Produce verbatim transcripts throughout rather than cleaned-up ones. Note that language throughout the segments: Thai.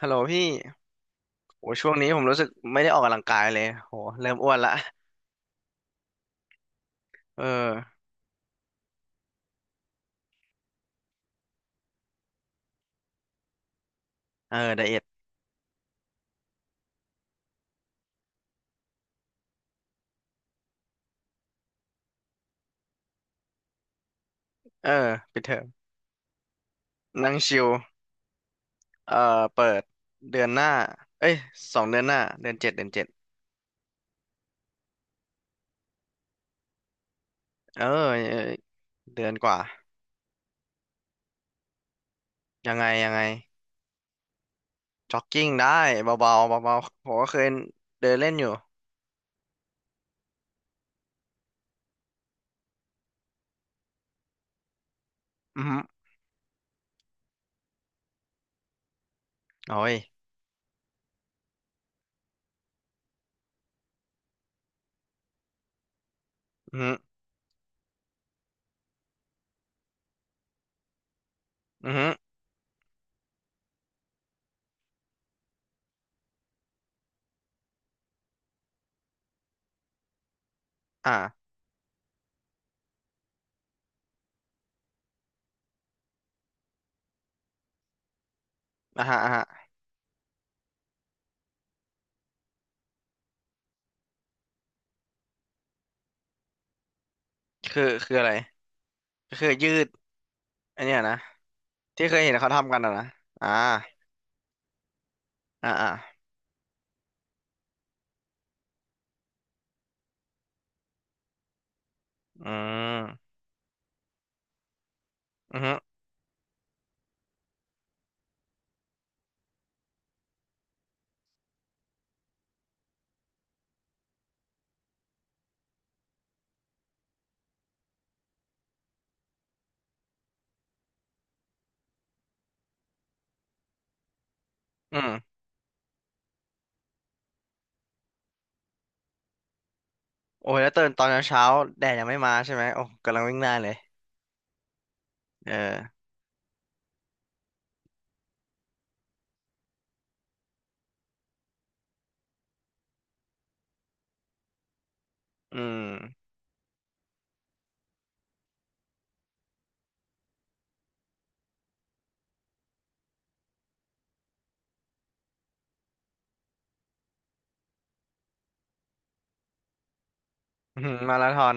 ฮัลโหลพี่โอ้ช่วงนี้ผมรู้สึกไม่ได้ออกกำลังกายเลยโหเริ่มอ้วนละ เออเออไดเอทเออปิดเทอมนั่งชิลเอ่อเปิดเดือนหน้าเอ้ยสองเดือนหน้าเดือนเจ็ดเดือนเจ็ดเออเออเดือนกว่ายังไงยังไงจ็อกกิ้งได้เบาๆเบาๆผมก็เคยเดินเล่นอยู่อือฮึโอ้ยอือฮึอือฮึอ่าอ่าฮะอ่าฮะคือคืออะไรก็คือยืดอันเนี้ยนะที่เคยเห็นเขาทำกันอะนะอ่าอ่าอ่าอืมอือฮึอืม โอ้ยแล้วตื่นตอนเช้าๆแดดยังไม่มาใช่ไหมโอ้กำลังวิ่งหน้าเลยเอออืมอืมมาราธอน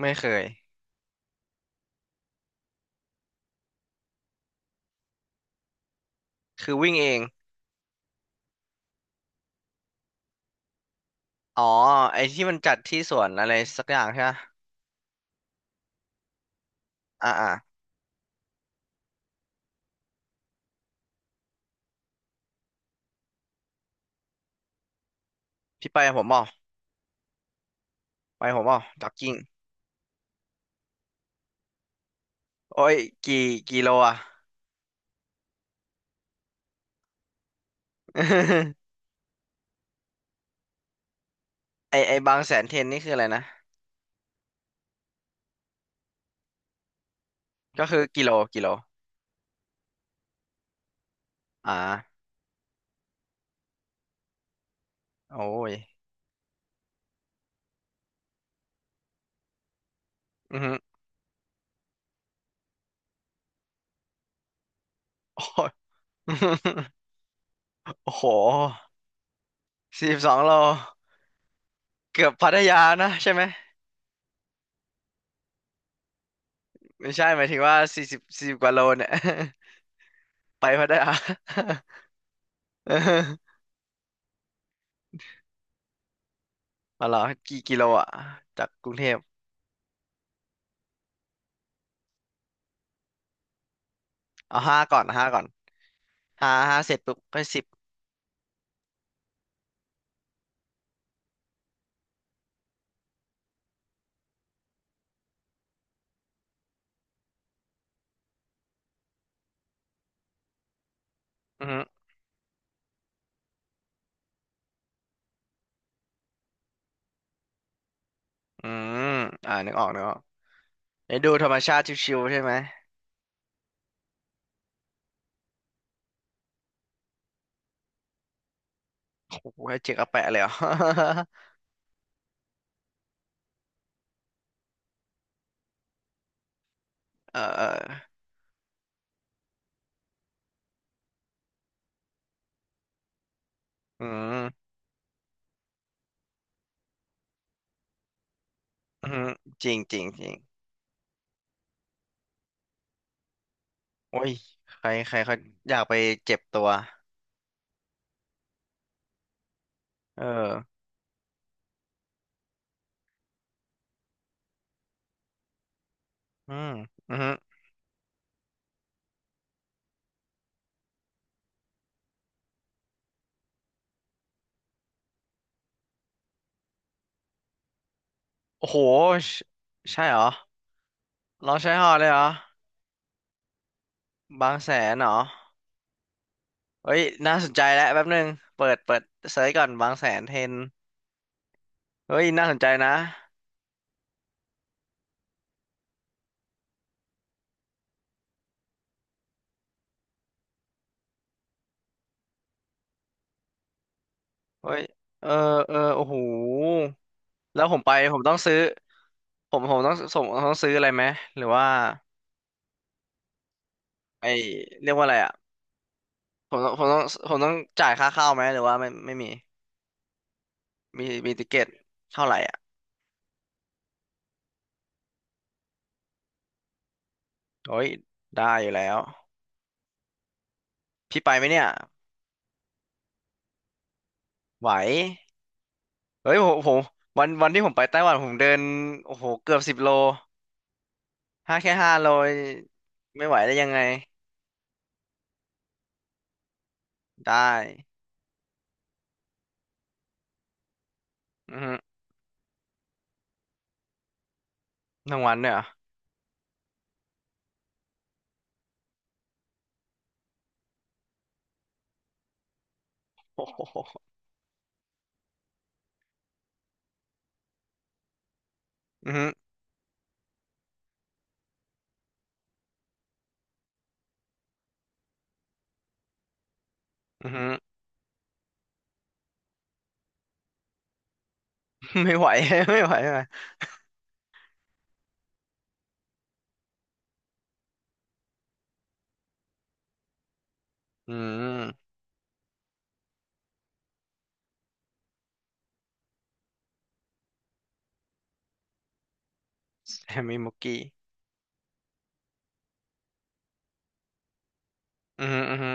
ไม่เคยคือวิ่งเองอ๋อไอ้ที่มันจัดที่สวนอะไรสักอย่างใช่ไหมอ่าอ่าพี่ไปกับผมบ่าไปกับผมบ่าจ็อกกิ้งโอ้ยกี่กิโลอ่ะ ไอไอบางแสนเทรนนี่คืออะไรนะก็คือกิโลกิโลอ่าโอ้ยอือหือโอ้ย โอ้โหสี่สิบสองโลเกือบพัทยานะใช่ไหม ไม่ใช่หมายถึงว่าสี่สิบสี่สิบกว่าโลเนี่ย ไปพัทยา เออ เอาเหรอกี่กิโลอ่ะจากกรุงเทพเอาห้าก่อนห้าก่อนห้าห้าเสร็จปุ๊บก็สิบอืมอหืออืมอ่านึกออกนึกออกไอ้ดูธรรมชาติชิวๆใช่ไหมโอ้โหให้เจ๊กเอาแปะเลยเหรอ เออเอออืมอืมจริงจริงจริงโอ้ยใครใครเขาอยากไปเจ็บตัวเอออืมอืมโอ้โหใช่ใช่เหรอเราใช้หอเลยเหรอบางแสนเหรอ เฮ้ยน่าสนใจแล้วแป๊บนึงเปิดเปิดเซิร์ชก่อนบางแสนเทรนเฮ้ยน่าสนใจนะเฮ้ยเออเออโอ้โหแล้วผมไปผมต้องซื้อผมผมต้องสมต้องซื้ออะไรไหมหรือว่าไอเรียกว่าอะไรอ่ะผมต้องผมต้องผมต้องจ่ายค่าเข้าไหมหรือว่าไม่ไม่มีมีมีติเกตเท่าไหร่อ่ะเฮ้ยได้อยู่แล้วพี่ไปไหมเนี่ยไหวเฮ้ยผมผมวันวันที่ผมไปไต้หวันผมเดินโอ้โหเกือบสิบโลห้าแค่ห้าโลไม่ไหวได้ยังไง ได้อือฮึทั้งวันเนี่ยเหรอโอ้โห อือฮึอือฮึ ไม่ไหว ไม่ไหวไม่ไหวอืมแฮมมี่มุกกี้อือฮึอือฮึ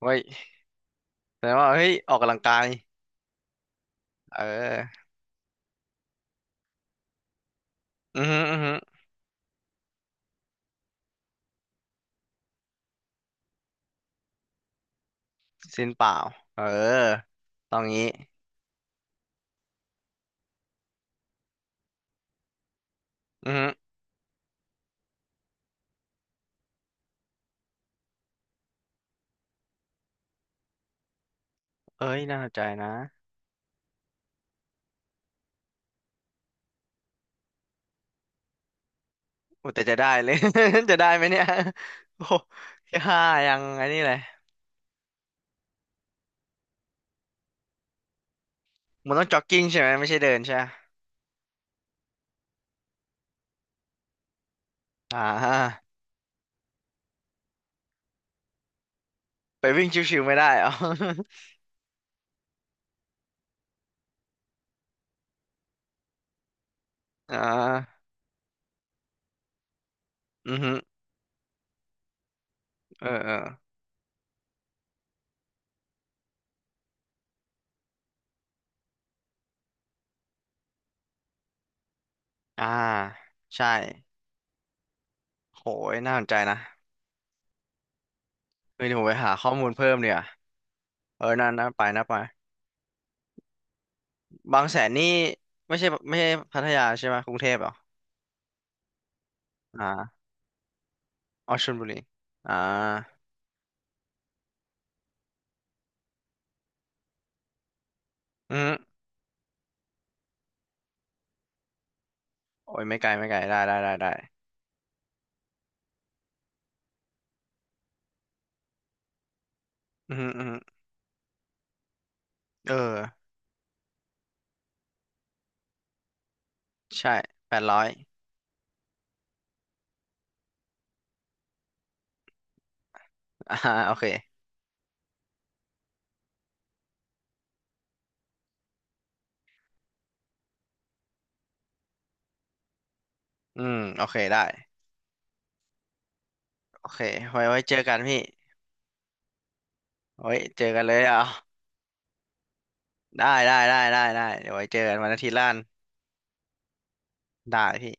เฮ้ยแสดงว่าเฮ้ยออกกำลังกายเอออือฮึอือฮึสิ้นเปล่าเออต้องงี้อือฮึเอ้ยน่าสนใจนะอุยแต่จะได้เลย จะได้ไหมเนี่ย โอ้โหแค่ห้ายังไอ้นี่เลยมันต้องจ็อกกิ้งใช่ไหมไม่ใช่เดินใช่ไหมอ่าไปวิ่งชิวๆไม่ได้เหรอ อ่าอือฮึเออเออ อ่าใช่โหยน่าสนใจนะเฮ้ยเดี๋ยวผมไปหาข้อมูลเพิ่มเนี่ยเออนั่นน่าไปน่าไปบางแสนนี่ไม่ใช่ไม่ใช่พัทยาใช่ไหมกรุงเทพเหรออ่าอ๋อชลบุรีอ่าอืมโอ้ยไม่ไกลไม่ไกลได้ได้ได้ได้อืมอืมเออใช่แปดร้อยอ่าโอเคอืมโอเคได้โอเคไว้ไว้เจอกันพี่ไว้เจอกันเลยเอาได้ได้ได้ได้ได้เดี๋ยวไว้เจอกันวันอาทิตย์ล้านได้พี่